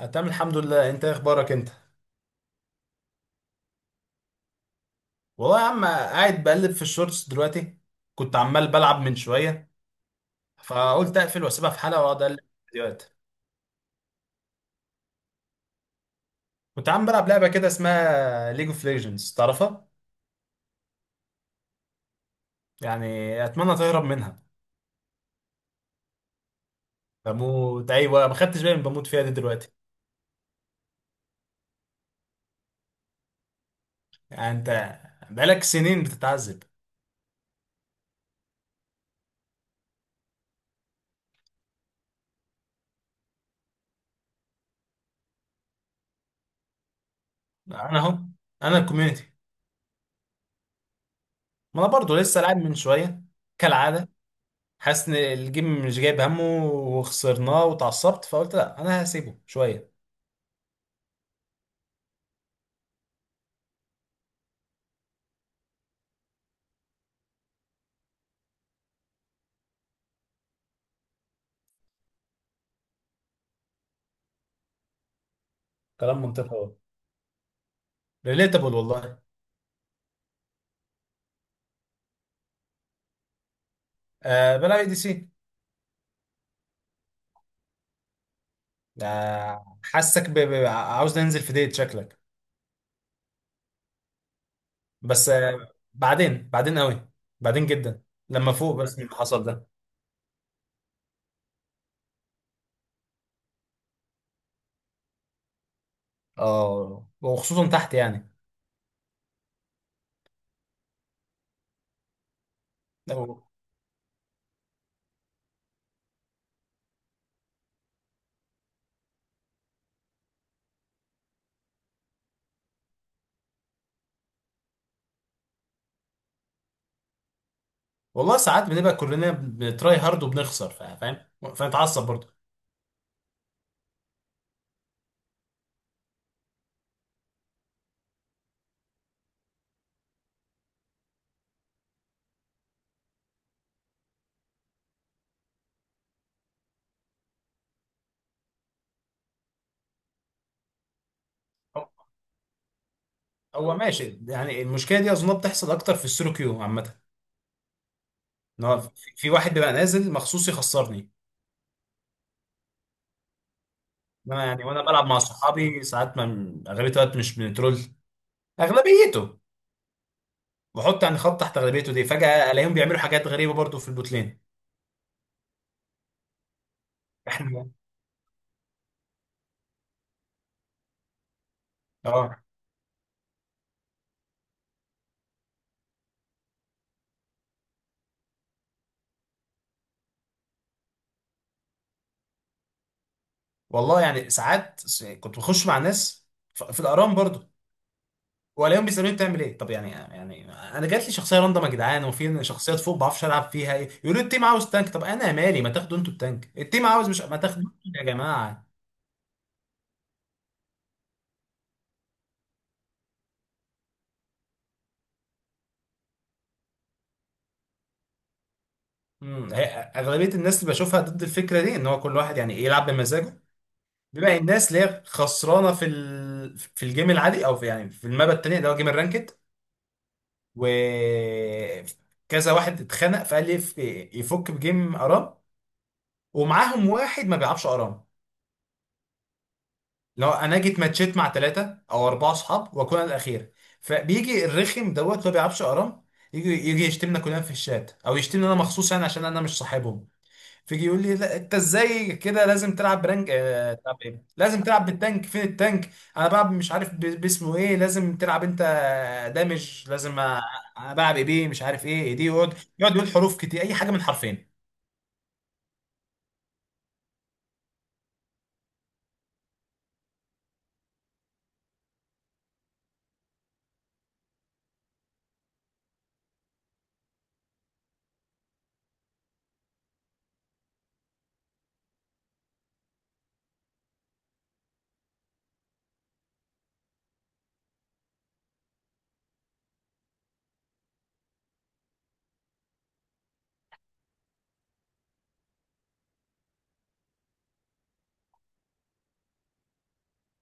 أنا تمام الحمد لله. انت ايه اخبارك انت؟ والله يا عم قاعد بقلب في الشورتس دلوقتي. كنت عمال بلعب من شويه فقلت اقفل واسيبها في حلقه واقعد اقلب في الفيديوهات. كنت عم بلعب لعبه كده اسمها ليج اوف ليجندز، تعرفها؟ يعني اتمنى تهرب منها. بموت، ايوه، ما خدتش بالي من بموت فيها دي دلوقتي. يعني انت بقالك سنين بتتعذب. انا اهو، انا الكوميونتي. ما انا برضه لسه لاعب من شويه كالعاده. حاسس ان الجيم مش جايب همه وخسرناه وتعصبت فقلت لا، انا هسيبه شويه. كلام منطقي اهو، ريليتابل والله. آه، بلا اي دي سي. آه، حاسك عاوز ننزل في ديت شكلك. بس آه، بعدين، بعدين قوي، بعدين جدا، لما فوق بس من اللي حصل ده. اه، وخصوصا تحت يعني. لو- والله ساعات بنبقى كلنا بنتراي هارد وبنخسر، فاهم؟ فنتعصب برضه. هو هو ماشي. يعني المشكله دي اظن بتحصل اكتر في السولو كيو عامه. ان هو في واحد بيبقى نازل مخصوص يخسرني. انا يعني وانا بلعب مع صحابي ساعات، ما اغلبيه الوقت مش بنترول. اغلبيته، بحط يعني خط تحت اغلبيته دي، فجاه الاقيهم بيعملوا حاجات غريبه برضو في البوتلين. احنا اه. والله يعني ساعات كنت بخش مع ناس في الارام برضو، والاقيهم بيسالوني بتعمل ايه. طب يعني، يعني انا جات لي شخصيه راندم يا جدعان وفي شخصيات فوق ما بعرفش العب فيها ايه، يقولوا لي التيم عاوز تانك. طب انا مالي، ما تاخدوا انتوا التانك، التيم عاوز، مش ما تاخدوا يا جماعه. امم هي- اغلبيه الناس اللي بشوفها ضد الفكره دي، ان هو كل واحد يعني إيه يلعب بمزاجه، بيبقى الناس اللي هي خسرانه في، ال... في الجيم العادي او في يعني في المابا التانيه اللي هو جيم الرانكد. و كذا واحد اتخنق فقال لي يفك بجيم ارام، ومعاهم واحد ما بيلعبش ارام. لو انا جيت ماتشيت مع ثلاثه او اربعه اصحاب واكون أنا الاخير، فبيجي الرخم دوت اللي هو ما بيلعبش ارام، يجي يشتمنا كلنا في الشات او يشتمني انا مخصوص يعني عشان انا مش صاحبهم. فيجي يقول لي لا انت ازاي كده لازم تلعب برانك، اه تلعب ايه، لازم تلعب بالتانك، فين التانك. انا بلعب مش عارف باسمه ايه، لازم تلعب انت دامج، بلعب ايه بيه مش عارف ايه، ايه دي. يقعد يقول حروف كتير اي حاجه من حرفين.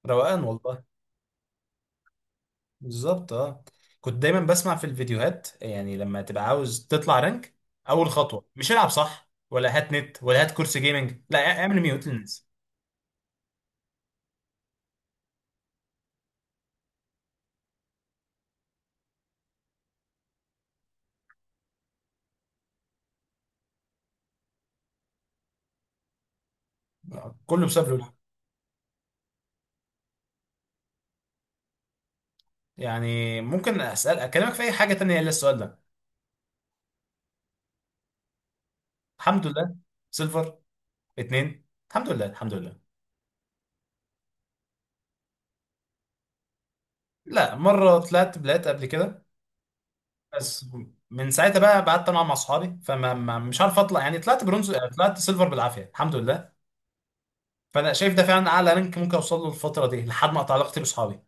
روقان والله. بالظبط اه. كنت دايما بسمع في الفيديوهات يعني لما تبقى عاوز تطلع رانك، اول خطوه مش العب صح ولا هات نت ولا هات كرسي جيمنج، لا، اعمل ميوت للناس. آه، كله بسبب لول. يعني ممكن اسال اكلمك في اي حاجه تانية الا السؤال ده. الحمد لله، سيلفر اتنين. الحمد لله الحمد لله. لا، مرة طلعت بلات قبل كده، بس من ساعتها بقى قعدت انا مع صحابي، فما مش عارف اطلع، يعني طلعت برونز، طلعت سيلفر بالعافية الحمد لله. فانا شايف ده فعلا اعلى رانك ممكن اوصل له الفترة دي لحد ما اقطع علاقتي باصحابي.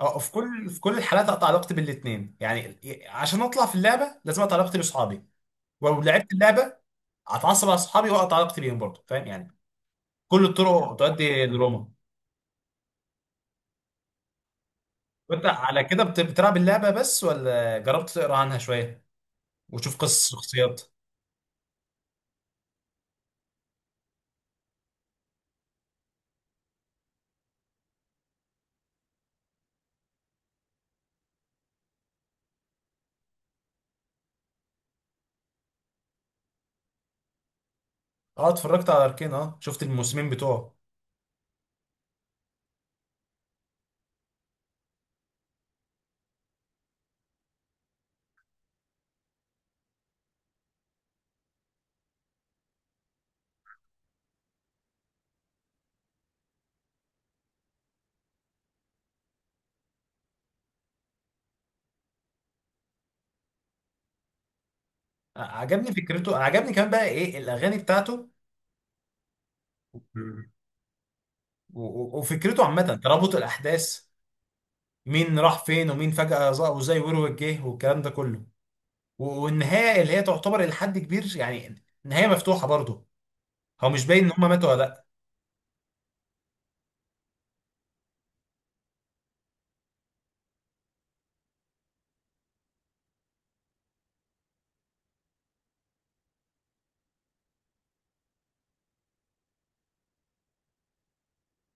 أه، أو في كل، في كل الحالات اقطع علاقتي بالاتنين يعني. عشان اطلع في اللعبة لازم اقطع علاقتي باصحابي، ولو لعبت اللعبة اتعصب على صحابي واقطع علاقتي بيهم برضه، فاهم يعني. كل الطرق تؤدي لروما. وانت على كده بتلعب اللعبة بس ولا جربت تقرا عنها شوية وتشوف قصص الشخصيات؟ اه اتفرجت على اركين، اه شفت الموسمين بتوعه. عجبني فكرته، عجبني كمان بقى ايه الاغاني بتاعته. مم. و- وفكرته عامة ترابط الاحداث، مين راح فين ومين فجأة ظهر وزي وروك جه والكلام ده كله. والنهاية اللي هي تعتبر الى حد كبير يعني نهاية مفتوحة برضه. هو مش باين ان هما ماتوا ولا لا.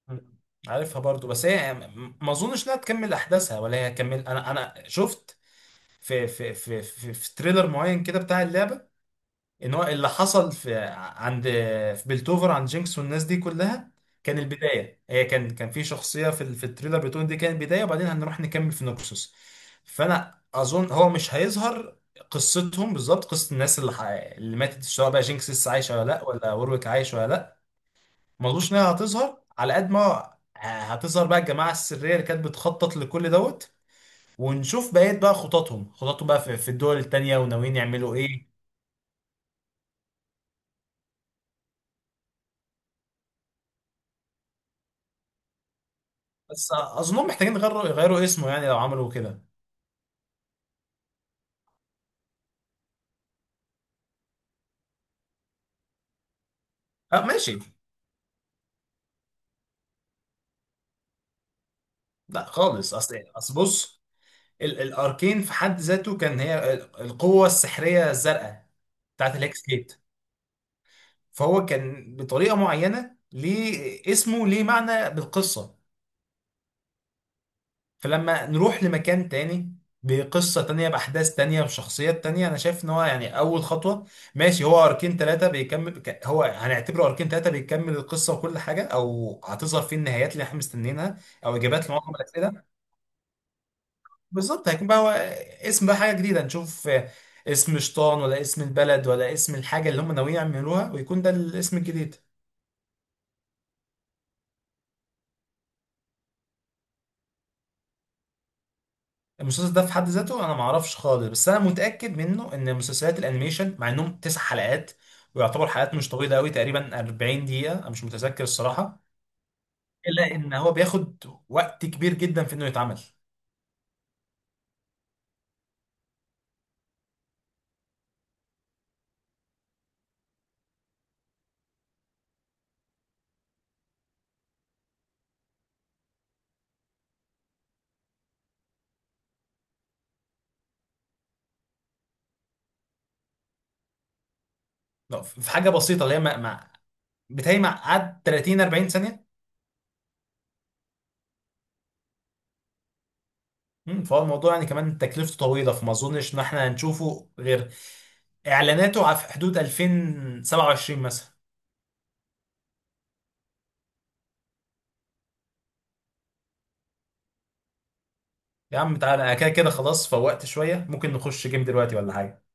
مم. عارفها برضه بس هي ما اظنش انها تكمل احداثها ولا هي هتكمل. انا شفت في في تريلر معين كده بتاع اللعبه، ان هو اللي حصل في، عند، في بلتوفر عند جينكس والناس دي كلها، كان البدايه. هي كان، في شخصيه في في التريلر بتقول دي كانت البدايه وبعدين هنروح نكمل في نوكسوس. فانا اظن هو مش هيظهر قصتهم بالظبط، قصه الناس اللي اللي ماتت، سواء بقى جينكس لسه عايشه ولا لا، ولا وورويك عايش ولا لا. ما اظنش انها هتظهر على قد ما هتظهر بقى الجماعه السريه اللي كانت بتخطط لكل دوت، ونشوف بقية بقى خططهم بقى في في الدول التانية وناويين يعملوا ايه. بس اظنهم محتاجين يغيروا اسمه يعني لو عملوا كده. اه ماشي. لا خالص، اصل بص، الاركين في حد ذاته كان هي القوة السحرية الزرقاء بتاعت الهكس جيت، فهو كان بطريقة معينة ليه اسمه، ليه معنى بالقصة. فلما نروح لمكان تاني بقصة تانية بأحداث تانية بشخصيات تانية، أنا شايف إن هو يعني أول خطوة، ماشي هو أركين تلاتة بيكمل هو هنعتبره أركين تلاتة بيكمل القصة وكل حاجة، أو هتظهر فيه النهايات اللي إحنا مستنيينها أو إجابات لمعظم الأسئلة. بالظبط هيكون بقى هو اسم بقى حاجة جديدة نشوف، اسم شطان ولا اسم البلد ولا اسم الحاجة اللي هم ناويين يعملوها، ويكون ده الاسم الجديد. المسلسل ده في حد ذاته انا ما اعرفش خالص، بس انا متاكد منه ان مسلسلات الانيميشن مع انهم تسع حلقات ويعتبر حلقات مش طويله قوي، تقريبا 40 دقيقه، انا مش متذكر الصراحه. الا ان هو بياخد وقت كبير جدا في انه يتعمل. لا، في حاجه بسيطه اللي هي بتهيألي مع قعد 30 40 ثانيه. مم، فهو الموضوع يعني كمان تكلفته طويله، فما اظنش ان احنا هنشوفه غير اعلاناته على في حدود 2027 مثلا. يا عم تعالى، انا كده كده خلاص فوقت شويه، ممكن نخش جيم دلوقتي ولا حاجه؟